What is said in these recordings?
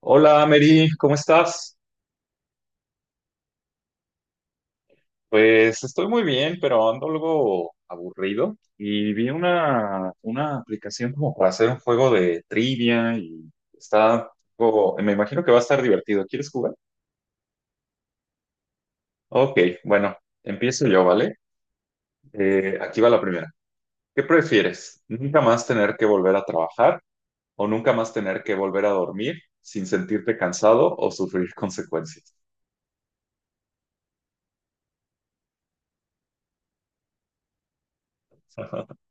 Hola, Mary, ¿cómo estás? Pues estoy muy bien, pero ando algo aburrido y vi una aplicación como para hacer un juego de trivia y está me imagino que va a estar divertido. ¿Quieres jugar? Ok, bueno, empiezo yo, ¿vale? Aquí va la primera. ¿Qué prefieres? ¿Nunca más tener que volver a trabajar o nunca más tener que volver a dormir sin sentirte cansado o sufrir consecuencias?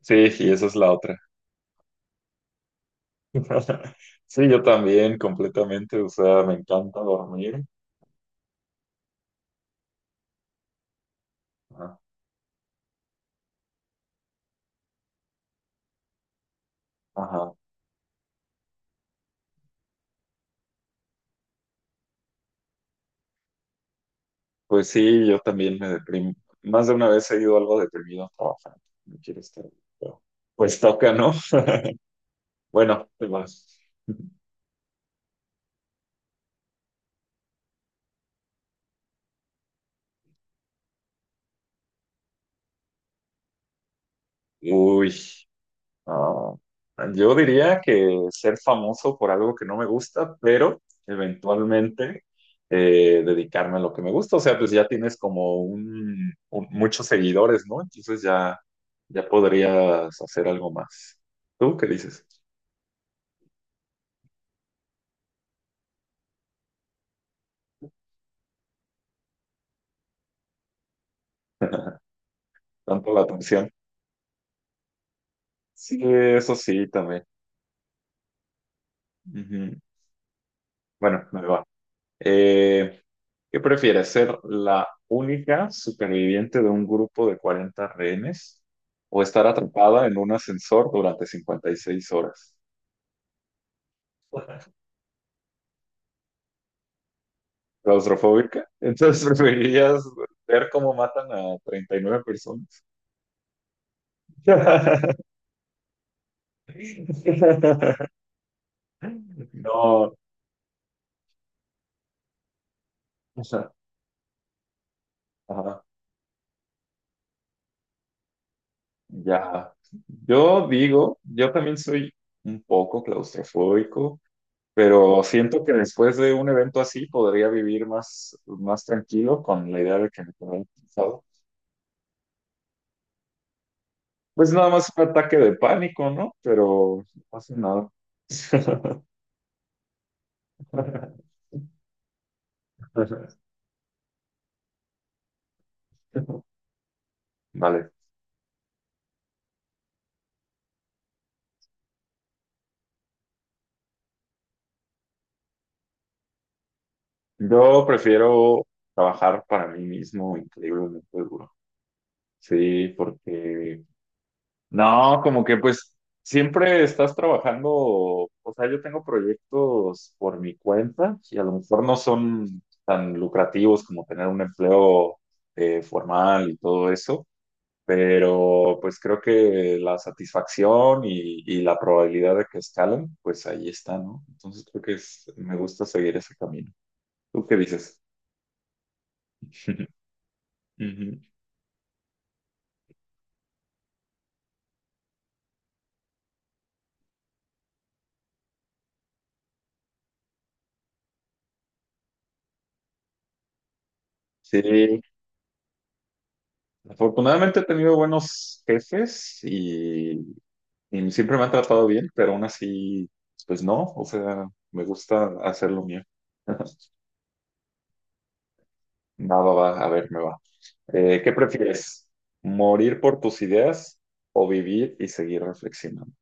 Sí, y esa es la otra. Sí, yo también, completamente, o sea, me encanta dormir. Ajá. Ajá. Pues sí, yo también me deprimo. Más de una vez he ido algo deprimido a trabajar. No quiero estar. Pero, pues toca, ¿no? Bueno, te vas. Uy. Ah, yo diría que ser famoso por algo que no me gusta, pero eventualmente dedicarme a lo que me gusta. O sea, pues ya tienes como muchos seguidores, ¿no? Entonces ya, ya podrías hacer algo más. ¿Tú qué dices? Tanto la atención. Sí, eso sí, también. Ujú. Bueno, me va. Eh, ¿Qué prefieres, ser la única superviviente de un grupo de 40 rehenes o estar atrapada en un ascensor durante 56 horas? ¿Claustrofóbica? Entonces preferirías ver cómo matan a 39 personas. No, o sea, ajá, ya. Yo digo, yo también soy un poco claustrofóbico. Pero siento que después de un evento así podría vivir más, más tranquilo con la idea de que me quedaron cansado. Pues nada más un ataque de pánico, ¿no? Pero no pasa nada. Vale. Yo prefiero trabajar para mí mismo increíblemente duro. Sí, porque no, como que pues siempre estás trabajando, o sea, yo tengo proyectos por mi cuenta y a lo mejor no son tan lucrativos como tener un empleo formal y todo eso, pero pues creo que la satisfacción y la probabilidad de que escalen, pues ahí está, ¿no? Entonces creo que me gusta seguir ese camino. ¿Tú qué dices? Ujú. Sí, afortunadamente he tenido buenos jefes y siempre me han tratado bien, pero aún así, pues no, o sea, me gusta hacer lo mío. Va, va, va, a ver, me va. ¿Qué prefieres? ¿Morir por tus ideas o vivir y seguir reflexionando?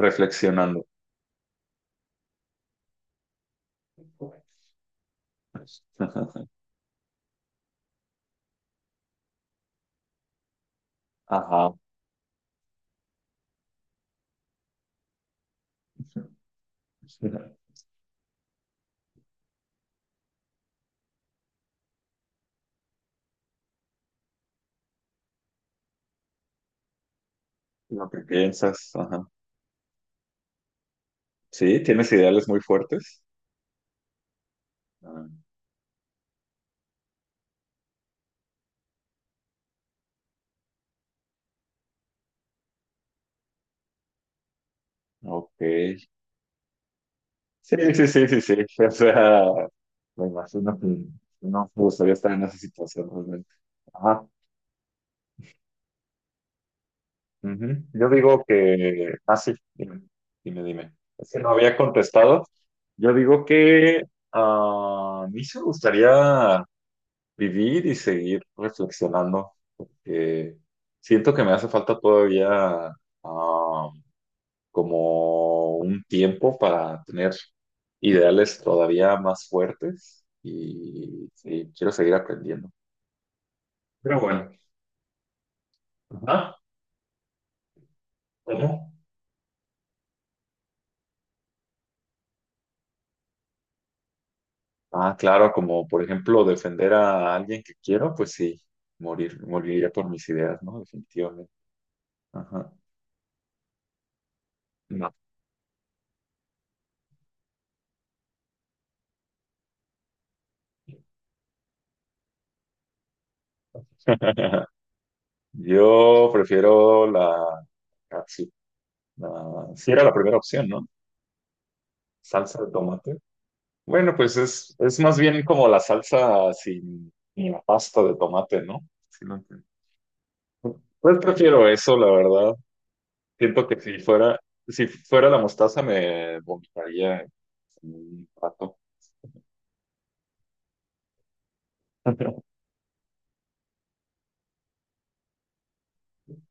Reflexionando. Ajá. Lo que piensas, ajá. Sí, tienes ideales muy fuertes. Ah, ok. Sí, sí, sí, sí, sí. O sea, me imagino que no me gustaría estar en esa situación realmente. Ajá. Ujú. Yo digo que. Sí, dime, dime, dime. Es que no había contestado. Yo digo que a mí sí me gustaría vivir y seguir reflexionando, porque siento que me hace falta todavía. ah Como un tiempo para tener ideales todavía más fuertes y sí, quiero seguir aprendiendo. Pero bueno, ajá, ¿cómo? Ah, claro, como por ejemplo defender a alguien que quiero, pues sí, morir, moriría por mis ideas, ¿no? Definitivamente. Ajá. No. Yo prefiero la sí sí era la primera opción, ¿no? Salsa de tomate. Bueno, pues es más bien como la salsa sin la pasta de tomate, ¿no? Sí, lo entiendo. Pues prefiero eso, la verdad. Siento que si fuera, si fuera la mostaza me vomitaría en un rato.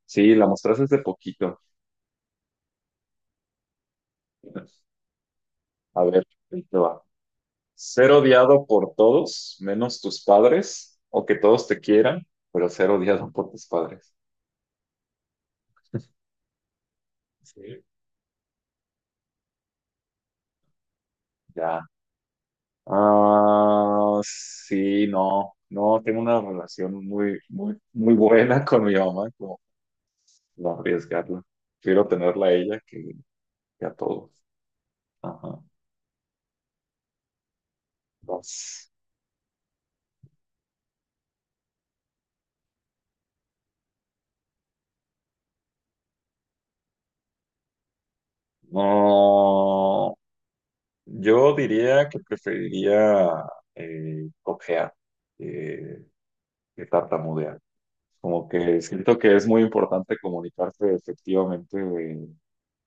Sí, la mostaza es de poquito. A ver, ahí te va. Ser odiado por todos, menos tus padres, o que todos te quieran, pero ser odiado por tus padres. Sí. Ya. Ah, sí, no, no, tengo una relación muy, muy, muy buena con mi mamá, como no arriesgarla. Prefiero tenerla a ella que a todos. Ajá. Vas. No, yo diría que preferiría cojear, eh, que tartamudear. Como que siento que es muy importante comunicarse efectivamente,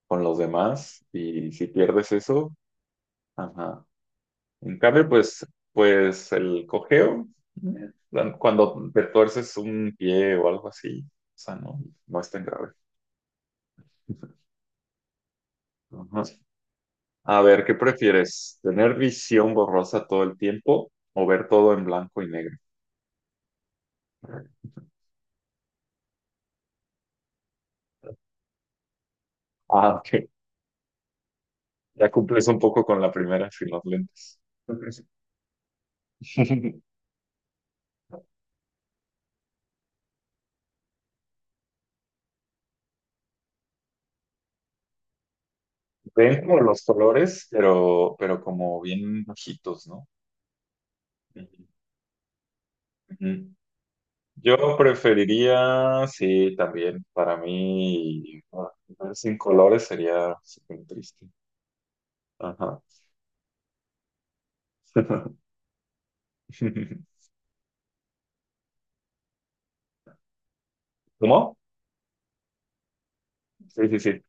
con los demás y si pierdes eso, ajá. En cambio, pues, pues el cojeo, eh, cuando te tuerces un pie o algo así, o sea, no, no es tan grave. Ajá. A ver, ¿qué prefieres? ¿Tener visión borrosa todo el tiempo o ver todo en blanco y negro? Ah, ok. Ya cumples un poco con la primera sin los lentes. Ven como los colores, pero como bien bajitos, ¿no? Ujú. Yo preferiría, sí, también, para mí, ver sin colores sería súper triste. Ajá. ¿Cómo? Sí, sí, sí.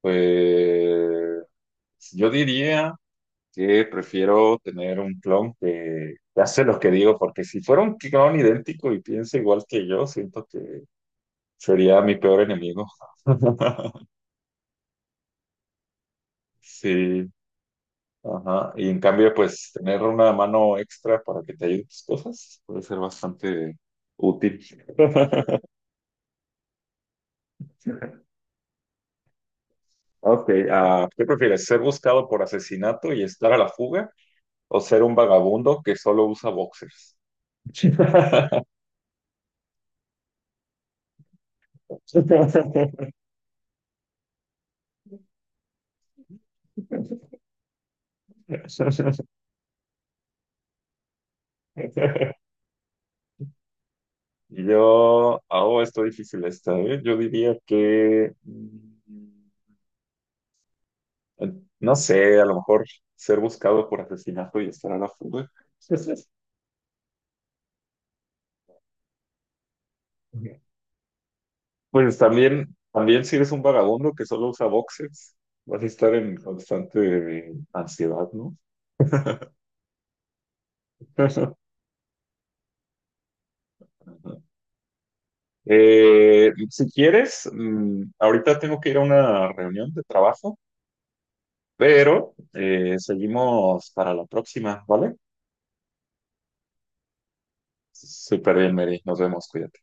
Pues yo diría que prefiero tener un clon que hace lo que digo, porque si fuera un clon idéntico y piensa igual que yo, siento que sería mi peor enemigo. Sí. Ajá. Y en cambio, pues tener una mano extra para que te ayude en tus cosas puede ser bastante útil. Ok, ¿qué prefieres? ¿Ser buscado por asesinato y estar a la fuga? ¿O ser un vagabundo que solo usa boxers? Yo, oh, está difícil esta, ¿eh? Yo diría que, no sé, a lo mejor ser buscado por asesinato y estar a la fuga. Pues también, también si eres un vagabundo que solo usa boxers, vas a estar en constante ansiedad, ¿no? Si quieres, ahorita tengo que ir a una reunión de trabajo, pero seguimos para la próxima, ¿vale? Súper bien, Mary. Nos vemos, cuídate.